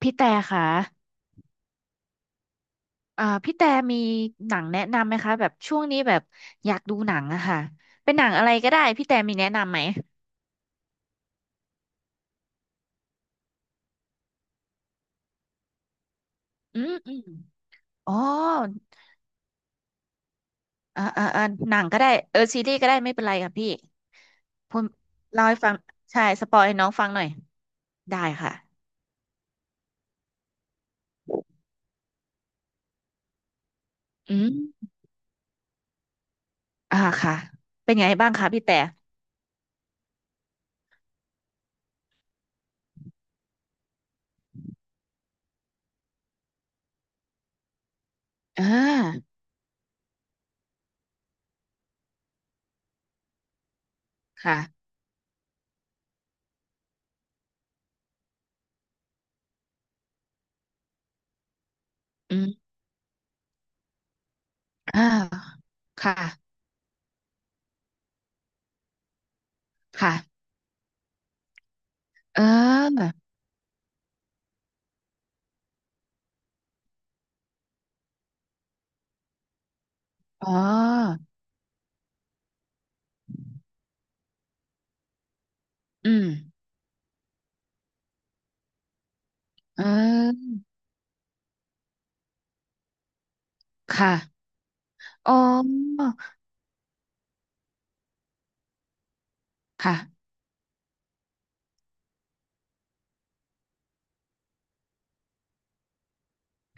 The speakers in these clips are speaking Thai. พี่แต่ค่ะพี่แต่มีหนังแนะนำไหมคะแบบช่วงนี้แบบอยากดูหนังอะค่ะ เป็นหนังอะไรก็ได้พี่แต่มีแนะนำไหมอืมอ๋ออ่าอ่าอ่าหนังก็ได้เออซีรีส์ก็ได้ไม่เป็นไรค่ะพี่พูดเล่าให้ฟังใช่สปอยให้น้องฟังหน่อยได้ค่ะอืมอ่าค่ะเป็นไงบ้างคะพี่แต่อ่าค่ะอืมอ่าค่ะค่ะ เอออ๋ออืมเออค่ะ อ๋อค่ะ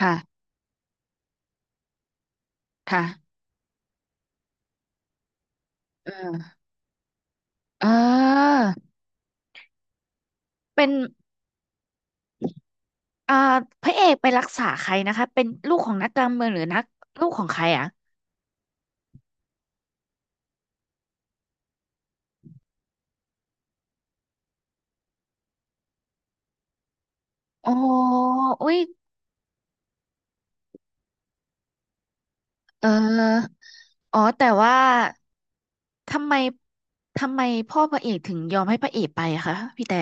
ค่ะค่ะเออเออเป็นอ่าพระเอกไปรักษาใครนะคะเป็นลูกของนักการเมืองหรือนักลูกของใครอ่ะอ๋ออุ้ยเอออ๋อแต่ว่าทำไมทำไมพ่อพระเอกถึงยอมให้พระเอกไปอะคะพี่แต่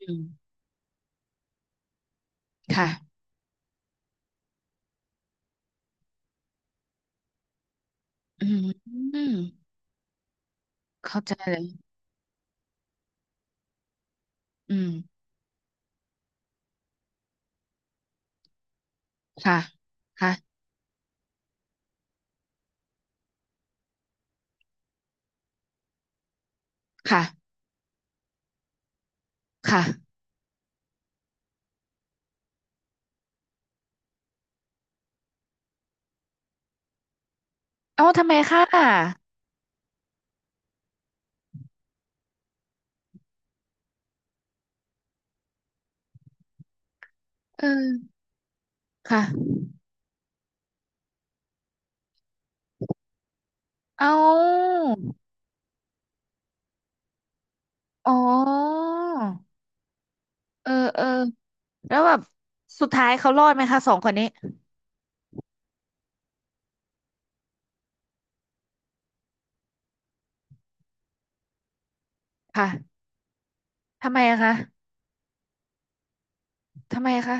อืมค่ะอืมอืมเข้าใจเลยอืมค่ะค่ะค่ะค่ะเอ้าทำไมคะเออค่ะ เอาอ๋อเออเออแล้วแบบสุดท้ายเขารอดไหมคะสองคนนี้ค่ะทำไมอะคะทำไมอะคะ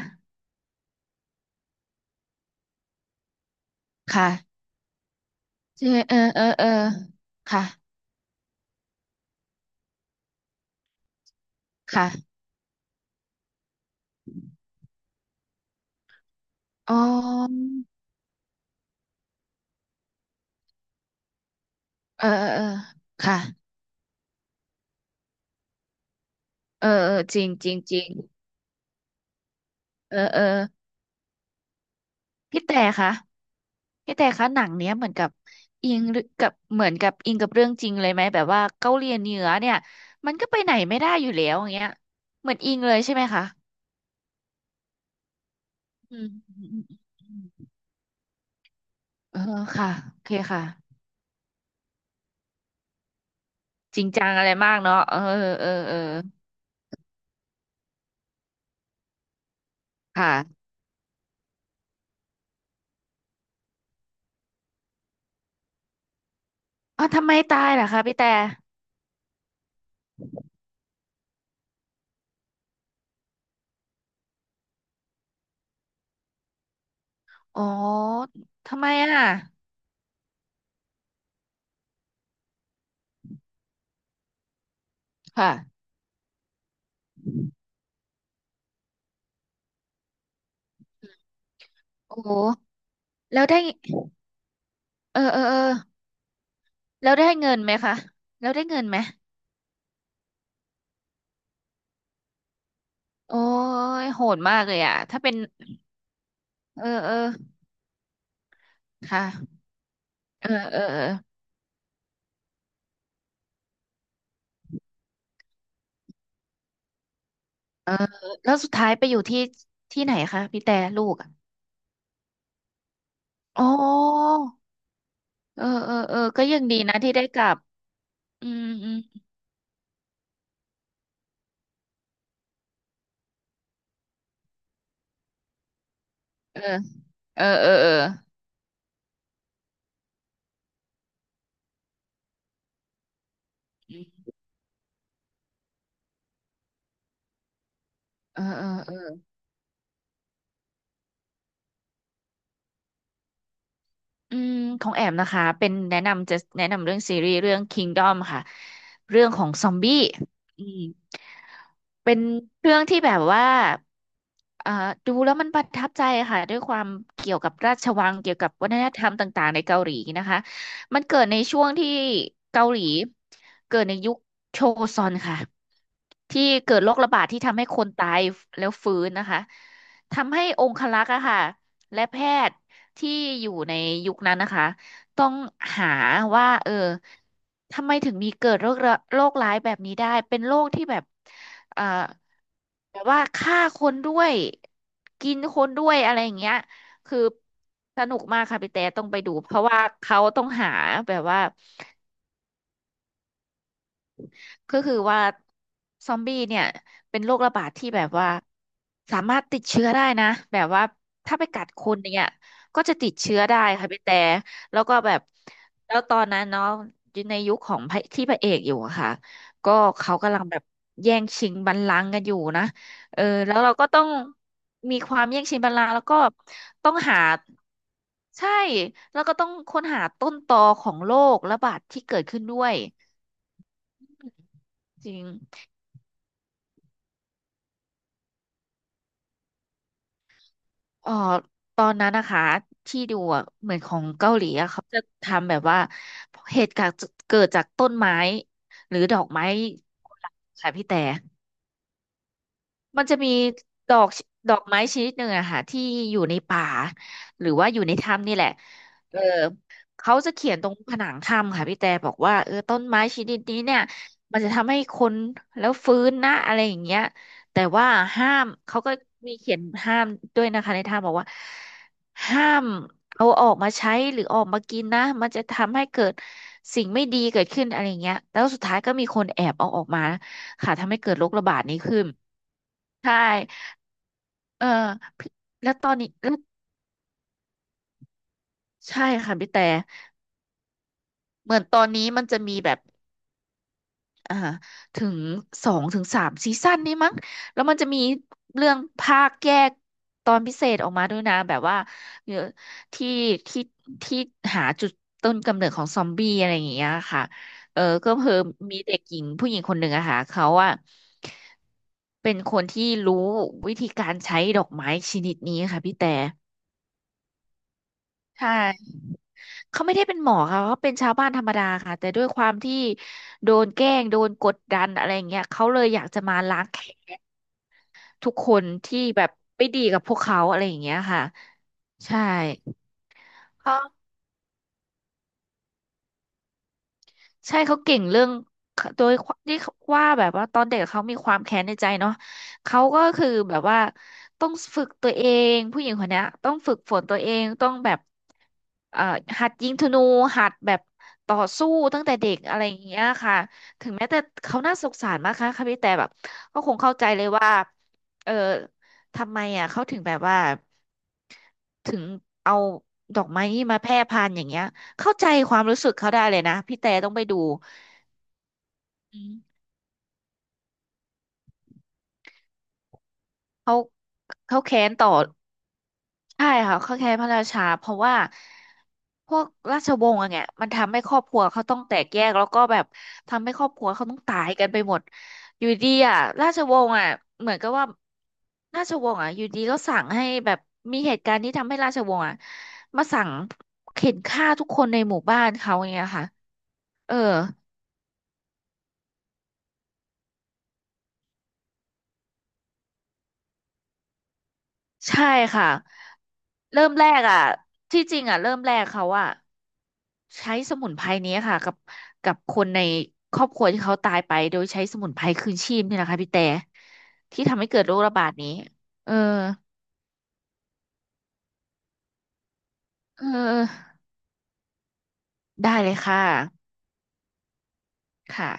ค่ะใช่ไหมเออเออเออค่ะค่ะอ๋อเออเออเออค่ะเออเออจริงจริงจริงเออเออพี่แต่คะพี่แต่คะหนังเนี้ยเหมือนกับอิงหรือกับเหมือนกับอิงกับเรื่องจริงเลยไหมแบบว่าเกาหลีเหนือเนี่ยมันก็ไปไหนไม่ได้อยู่แล้วอย่างเงี้ยเหมือนอิงเลยใช่ไหมคะ อืมอืมเออค่ะโอเคค่ะจริงจังอะไรมากเนาะเออเออเออค่ะอ๋อทำไมตายล่ะคะพี่แต่อ๋อทำไมอ่ะค่ะโอ้โหแล้วได้เออเออเออแล้วได้เงินไหมคะแล้วได้เงินไหมโอ้ยโหดมากเลยอ่ะถ้าเป็นเออเออค่ะเออเออเออเออแล้วสุดท้ายไปอยู่ที่ไหนคะพี่แต่ลูกอะอ๋อเออเออเออก็ยังดีนะที่ได้กลับอืมเออ เออเออเออเออเออเอออืมของแอมนะคะเป็นแนะนำจะแนะนำเรื่องซีรีส์เรื่อง Kingdom ค่ะเรื่องของซอมบี้อืมเป็นเรื่องที่แบบว่า อ่าดูแล้วมันประทับใจค่ะด้วยความเกี่ยวกับราชวังเกี่ยวกับวัฒนธรรมต่างๆในเกาหลีนะคะมันเกิดในช่วงที่เกาหลีเกิดในยุคโชซอนค่ะที่เกิดโรคระบาดที่ทำให้คนตายแล้วฟื้นนะคะทำให้องครักษ์อะค่ะและแพทย์ที่อยู่ในยุคนั้นนะคะต้องหาว่าเออ ทำไมถึงมีเกิดโรคระโรคร้ายแบบนี้ได้เป็นโรคที่แบบเอ่อแบบว่าฆ่าคนด้วย กินคนด้วยอะไรอย่างเงี้ยคือสนุกมากค่ะพี่แต่ต้องไปดูเพราะว่าเขาต้องหาแบบว่า ก็คือว่าซอมบี้เนี่ยเป็นโรคระบาดที่แบบว่าสามารถติดเชื้อได้นะแบบว่าถ้าไปกัดคนเนี่ยก็จะติดเชื้อได้ค่ะพี่แต่แล้วก็แบบแล้วตอนนั้นเนาะอยู่ในยุคของพระที่พระเอกอยู่อะค่ะก็เขากำลังแบบแย่งชิงบัลลังก์กันอยู่นะเออแล้วเราก็ต้องมีความแย่งชิงบัลลังก์แล้วก็ต้องหาใช่แล้วก็ต้องค้นหาต้นตอของโรคระบาดที่เกิดขึ้นด้วยจริง เอ่อตอนนั้นนะคะที่ดูอะเหมือนของเกาหลีอะเขาจะทำแบบว่าเหตุการณ์เกิดจากต้นไม้หรือดอกไม้ค่ะพี่แต่ มันจะมีดอกดอกไม้ชนิดหนึ่งอะค่ะที่อยู่ในป่าหรือว่าอยู่ในถ้ำนี่แหละเออเขาจะเขียนตรงผนังถ้ำค่ะพี่แต่บอกว่าเออต้นไม้ชนิดนี้เนี่ยมันจะทำให้คนแล้วฟื้นนะอะไรอย่างเงี้ยแต่ว่าห้ามเขาก็มีเขียนห้ามด้วยนะคะในถ้ำบอกว่าห้ามเอาออกมาใช้หรือออกมากินนะมันจะทำให้เกิดสิ่งไม่ดีเกิดขึ้นอะไรอย่างเงี้ยแล้วสุดท้ายก็มีคนแอบเอาออกมาค่ะทำให้เกิดโรคระบาดนี้ขึ้น ใช่เออพี่แล้วตอนนี้แล้วใช่ค่ะพี่แต่ เหมือนตอนนี้มันจะมีแบบอ่าถึงสองถึงสามซีซั่นนี่มั้ง แล้วมันจะมีเรื่องภาคแยกตอนพิเศษออกมาด้วยนะ แบบว่าเดี๋ยวที่ที่ที่หาจุดต้นกำเนิดของซอมบี้อะไรอย่างเงี้ยค่ะเออก็คือมีเด็กหญิงผู้หญิงคนหนึ่งอะค่ะเขาอะเป็นคนที่รู้วิธีการใช้ดอกไม้ชนิดนี้ค่ะพี่แต่ ใช่ เขาไม่ได้เป็นหมอค่ะเขาเป็นชาวบ้านธรรมดาค่ะแต่ด้วยความที่โดนแกล้งโดนกดดันอะไรอย่างเงี้ยเขาเลยอยากจะมาล้างแค้นทุกคนที่แบบไม่ดีกับพวกเขาอะไรอย่างเงี้ยค่ะใช่เขา ใช่เขาเก่งเรื่องโดยที่ว่าแบบว่าตอนเด็กเขามีความแค้นในใจเนาะเขาก็คือแบบว่าต้องฝึกตัวเองผู้หญิงคนเนี้ยต้องฝึกฝนตัวเองต้องแบบเอ่อหัดยิงธนูหัดแบบต่อสู้ตั้งแต่เด็กอะไรอย่างเงี้ยค่ะถึงแม้แต่เขาน่าสงสารมากค่ะค่ะพี่แต่แบบก็คงเข้าใจเลยว่าเออทำไมอ่ะเขาถึงแบบว่าถึงเอาดอกไม้นี่มาแพร่พันธุ์อย่างเงี้ย เข้าใจความรู้สึกเขาได้เลยนะพี่แต่ต้องไปดูอืมเขาเขาแค้นต่อใช่ค่ะเขาแค้นพระราชาเพราะว่าพวกราชวงศ์อะเนี่ยมันทำให้ครอบครัวเขาต้องแตกแยกแล้วก็แบบทำให้ครอบครัวเขาต้องตายกันไปหมดอยู่ดีอ่ะราชวงศ์อ่ะเหมือนกับว่าราชวงศ์อ่ะอยู่ดีก็สั่งให้แบบมีเหตุการณ์ที่ทำให้ราชวงศ์อ่ะมาสั่งเข็นฆ่าทุกคนในหมู่บ้านเขาอย่างเงี้ยค่ะเออใช่ค่ะ เริ่มแรกอ่ะที่จริงอ่ะเริ่มแรกเขาอ่ะใช้สมุนไพรนี้ค่ะกับกับคนในครอบครัวที่เขาตายไปโดยใช้สมุนไพรคืนชีพนี่แหละค่ะพี่แต่ที่ทำให้เกิดโรคระบาดนี้เออเออได้เลยค่ะค่ะ